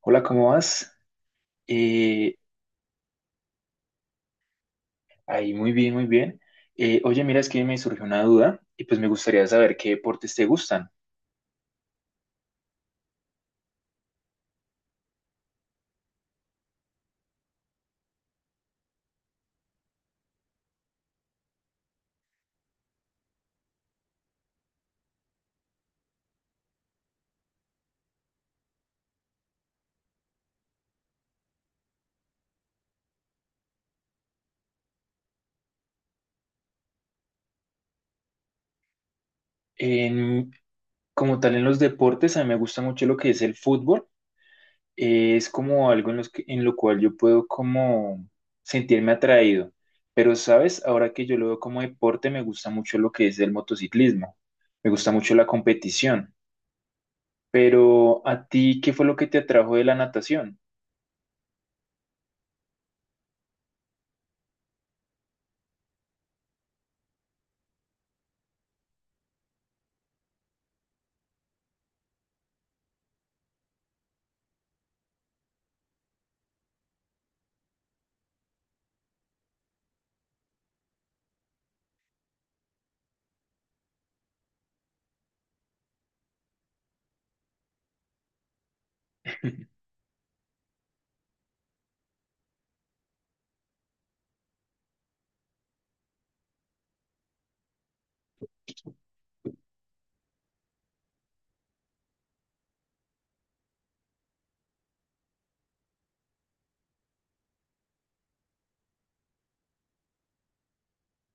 Hola, ¿cómo vas? Eh, Ahí, muy bien, muy bien. Oye, mira, es que me surgió una duda y pues me gustaría saber qué deportes te gustan. En- Como tal, en los deportes, a mí me gusta mucho lo que es el fútbol. Es como algo en lo cual yo puedo como sentirme atraído. Pero, ¿sabes? Ahora que yo lo veo como deporte, me gusta mucho lo que es el motociclismo. Me gusta mucho la competición. Pero, ¿a ti qué fue lo que te atrajo de la natación?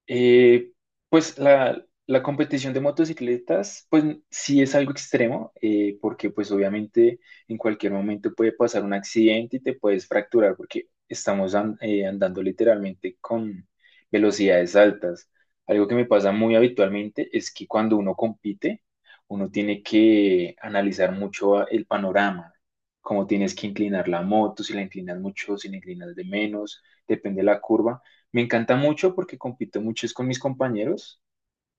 Eh, pues la competición de motocicletas, pues sí es algo extremo, porque pues obviamente en cualquier momento puede pasar un accidente y te puedes fracturar porque estamos andando literalmente con velocidades altas. Algo que me pasa muy habitualmente es que cuando uno compite, uno tiene que analizar mucho el panorama, cómo tienes que inclinar la moto, si la inclinas mucho, si la inclinas de menos, depende de la curva. Me encanta mucho porque compito mucho es con mis compañeros.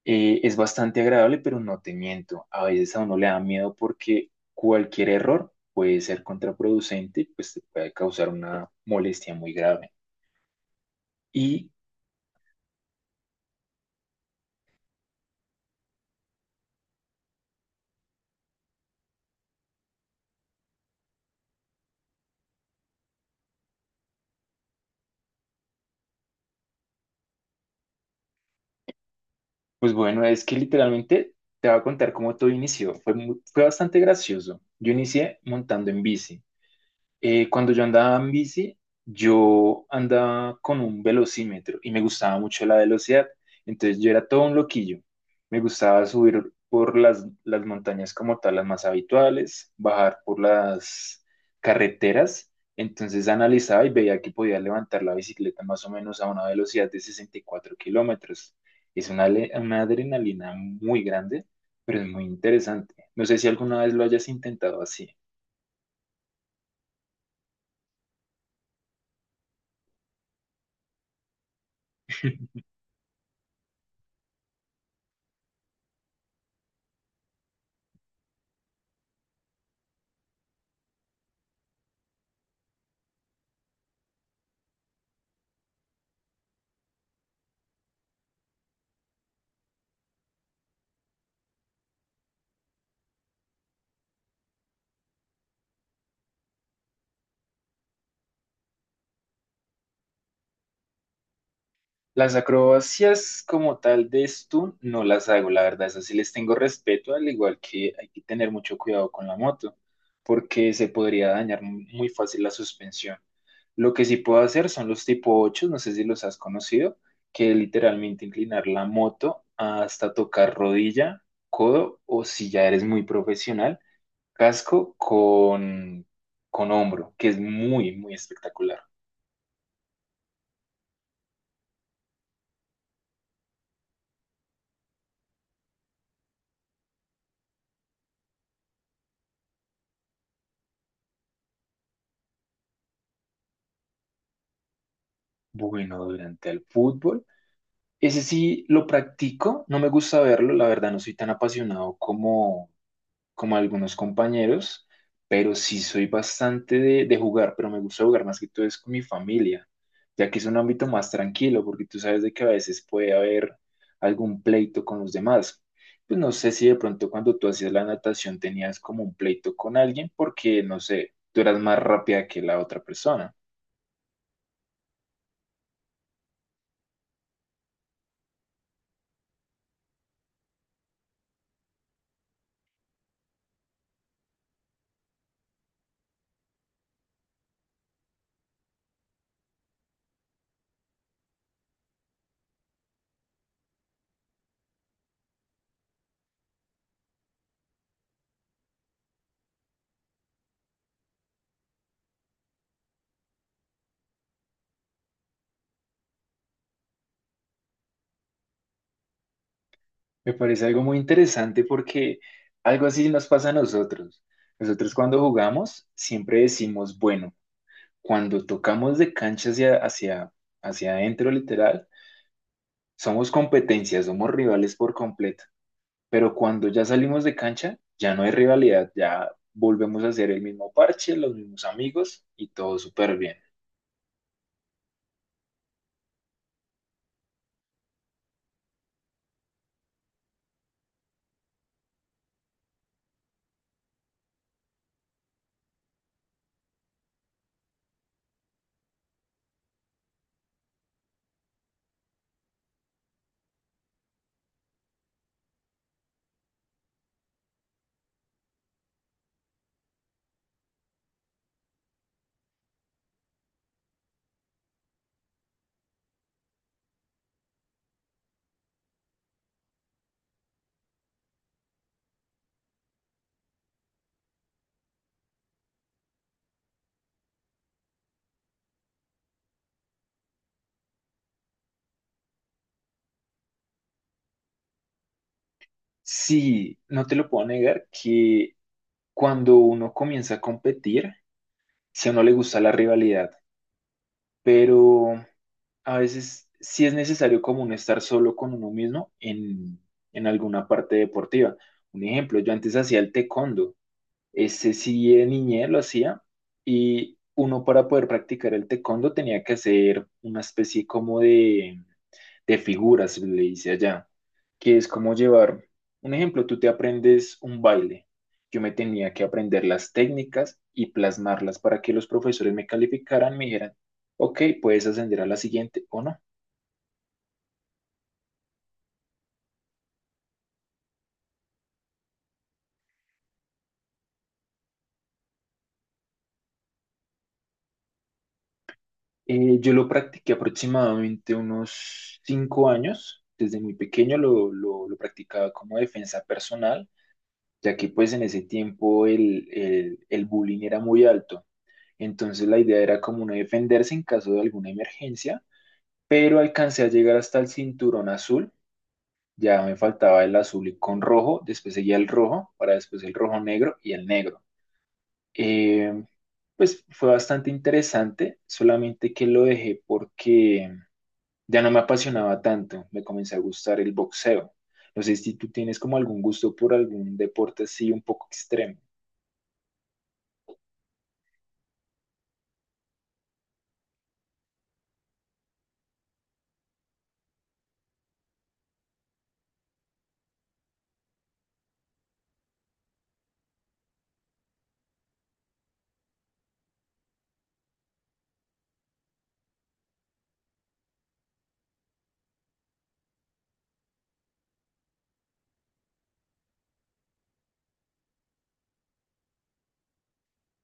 Es bastante agradable, pero no te miento. A veces a uno le da miedo porque cualquier error puede ser contraproducente, pues te puede causar una molestia muy grave. Y pues bueno, es que literalmente te voy a contar cómo todo inició. Fue bastante gracioso. Yo inicié montando en bici. Cuando yo andaba en bici, yo andaba con un velocímetro y me gustaba mucho la velocidad. Entonces yo era todo un loquillo. Me gustaba subir por las montañas como tal, las más habituales, bajar por las carreteras. Entonces analizaba y veía que podía levantar la bicicleta más o menos a una velocidad de 64 kilómetros. Es una adrenalina muy grande, pero es muy interesante. No sé si alguna vez lo hayas intentado así. Las acrobacias como tal de esto no las hago, la verdad, esas sí les tengo respeto, al igual que hay que tener mucho cuidado con la moto, porque se podría dañar muy fácil la suspensión. Lo que sí puedo hacer son los tipo 8, no sé si los has conocido, que es literalmente inclinar la moto hasta tocar rodilla, codo, o si ya eres muy profesional, casco con hombro, que es muy, muy espectacular. Bueno, durante el fútbol. Ese sí lo practico, no me gusta verlo, la verdad no soy tan apasionado como, como algunos compañeros, pero sí soy bastante de jugar, pero me gusta jugar más que todo es con mi familia, ya que es un ámbito más tranquilo, porque tú sabes de que a veces puede haber algún pleito con los demás. Pues no sé si de pronto cuando tú hacías la natación tenías como un pleito con alguien, porque no sé, tú eras más rápida que la otra persona. Me parece algo muy interesante porque algo así nos pasa a nosotros. Nosotros cuando jugamos siempre decimos, bueno, cuando tocamos de cancha hacia adentro literal, somos competencia, somos rivales por completo. Pero cuando ya salimos de cancha, ya no hay rivalidad, ya volvemos a ser el mismo parche, los mismos amigos y todo súper bien. Sí, no te lo puedo negar que cuando uno comienza a competir, si a uno le gusta la rivalidad, pero a veces sí es necesario como uno estar solo con uno mismo en alguna parte deportiva. Un ejemplo, yo antes hacía el taekwondo, ese sí de niñez lo hacía y uno para poder practicar el taekwondo tenía que hacer una especie como de figuras, le dice allá, que es como llevar, un ejemplo, tú te aprendes un baile. Yo me tenía que aprender las técnicas y plasmarlas para que los profesores me calificaran, me dijeran, ok, puedes ascender a la siguiente o no. Yo lo practiqué aproximadamente unos 5 años. Desde muy pequeño lo practicaba como defensa personal, ya que pues en ese tiempo el bullying era muy alto. Entonces la idea era como uno defenderse en caso de alguna emergencia, pero alcancé a llegar hasta el cinturón azul. Ya me faltaba el azul y con rojo, después seguía el rojo, para después el rojo negro y el negro. Eh, pues fue bastante interesante, solamente que lo dejé porque ya no me apasionaba tanto, me comenzó a gustar el boxeo. No sé si tú tienes como algún gusto por algún deporte así un poco extremo.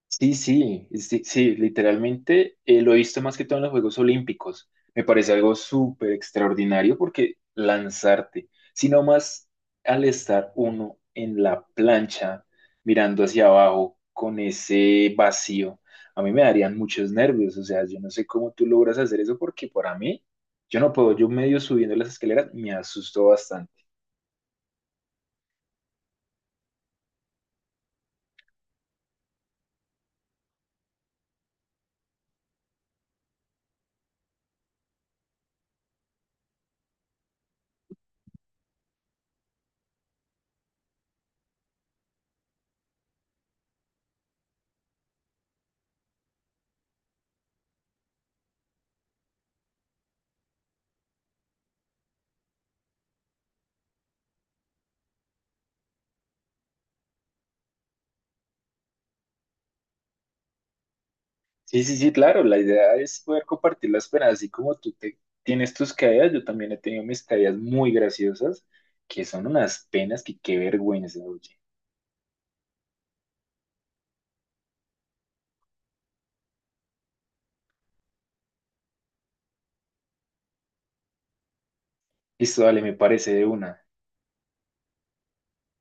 Sí, sí, sí, sí, literalmente lo he visto más que todo en los Juegos Olímpicos. Me parece algo súper extraordinario porque lanzarte, sino más al estar uno en la plancha mirando hacia abajo con ese vacío, a mí me darían muchos nervios. O sea, yo no sé cómo tú logras hacer eso porque para mí, yo no puedo, yo medio subiendo las escaleras me asusto bastante. Sí, sí, sí, claro, la idea es poder compartir las penas, así como tú tienes tus caídas, yo también he tenido mis caídas muy graciosas, que son unas penas que qué vergüenza, oye. Listo, dale, me parece de una.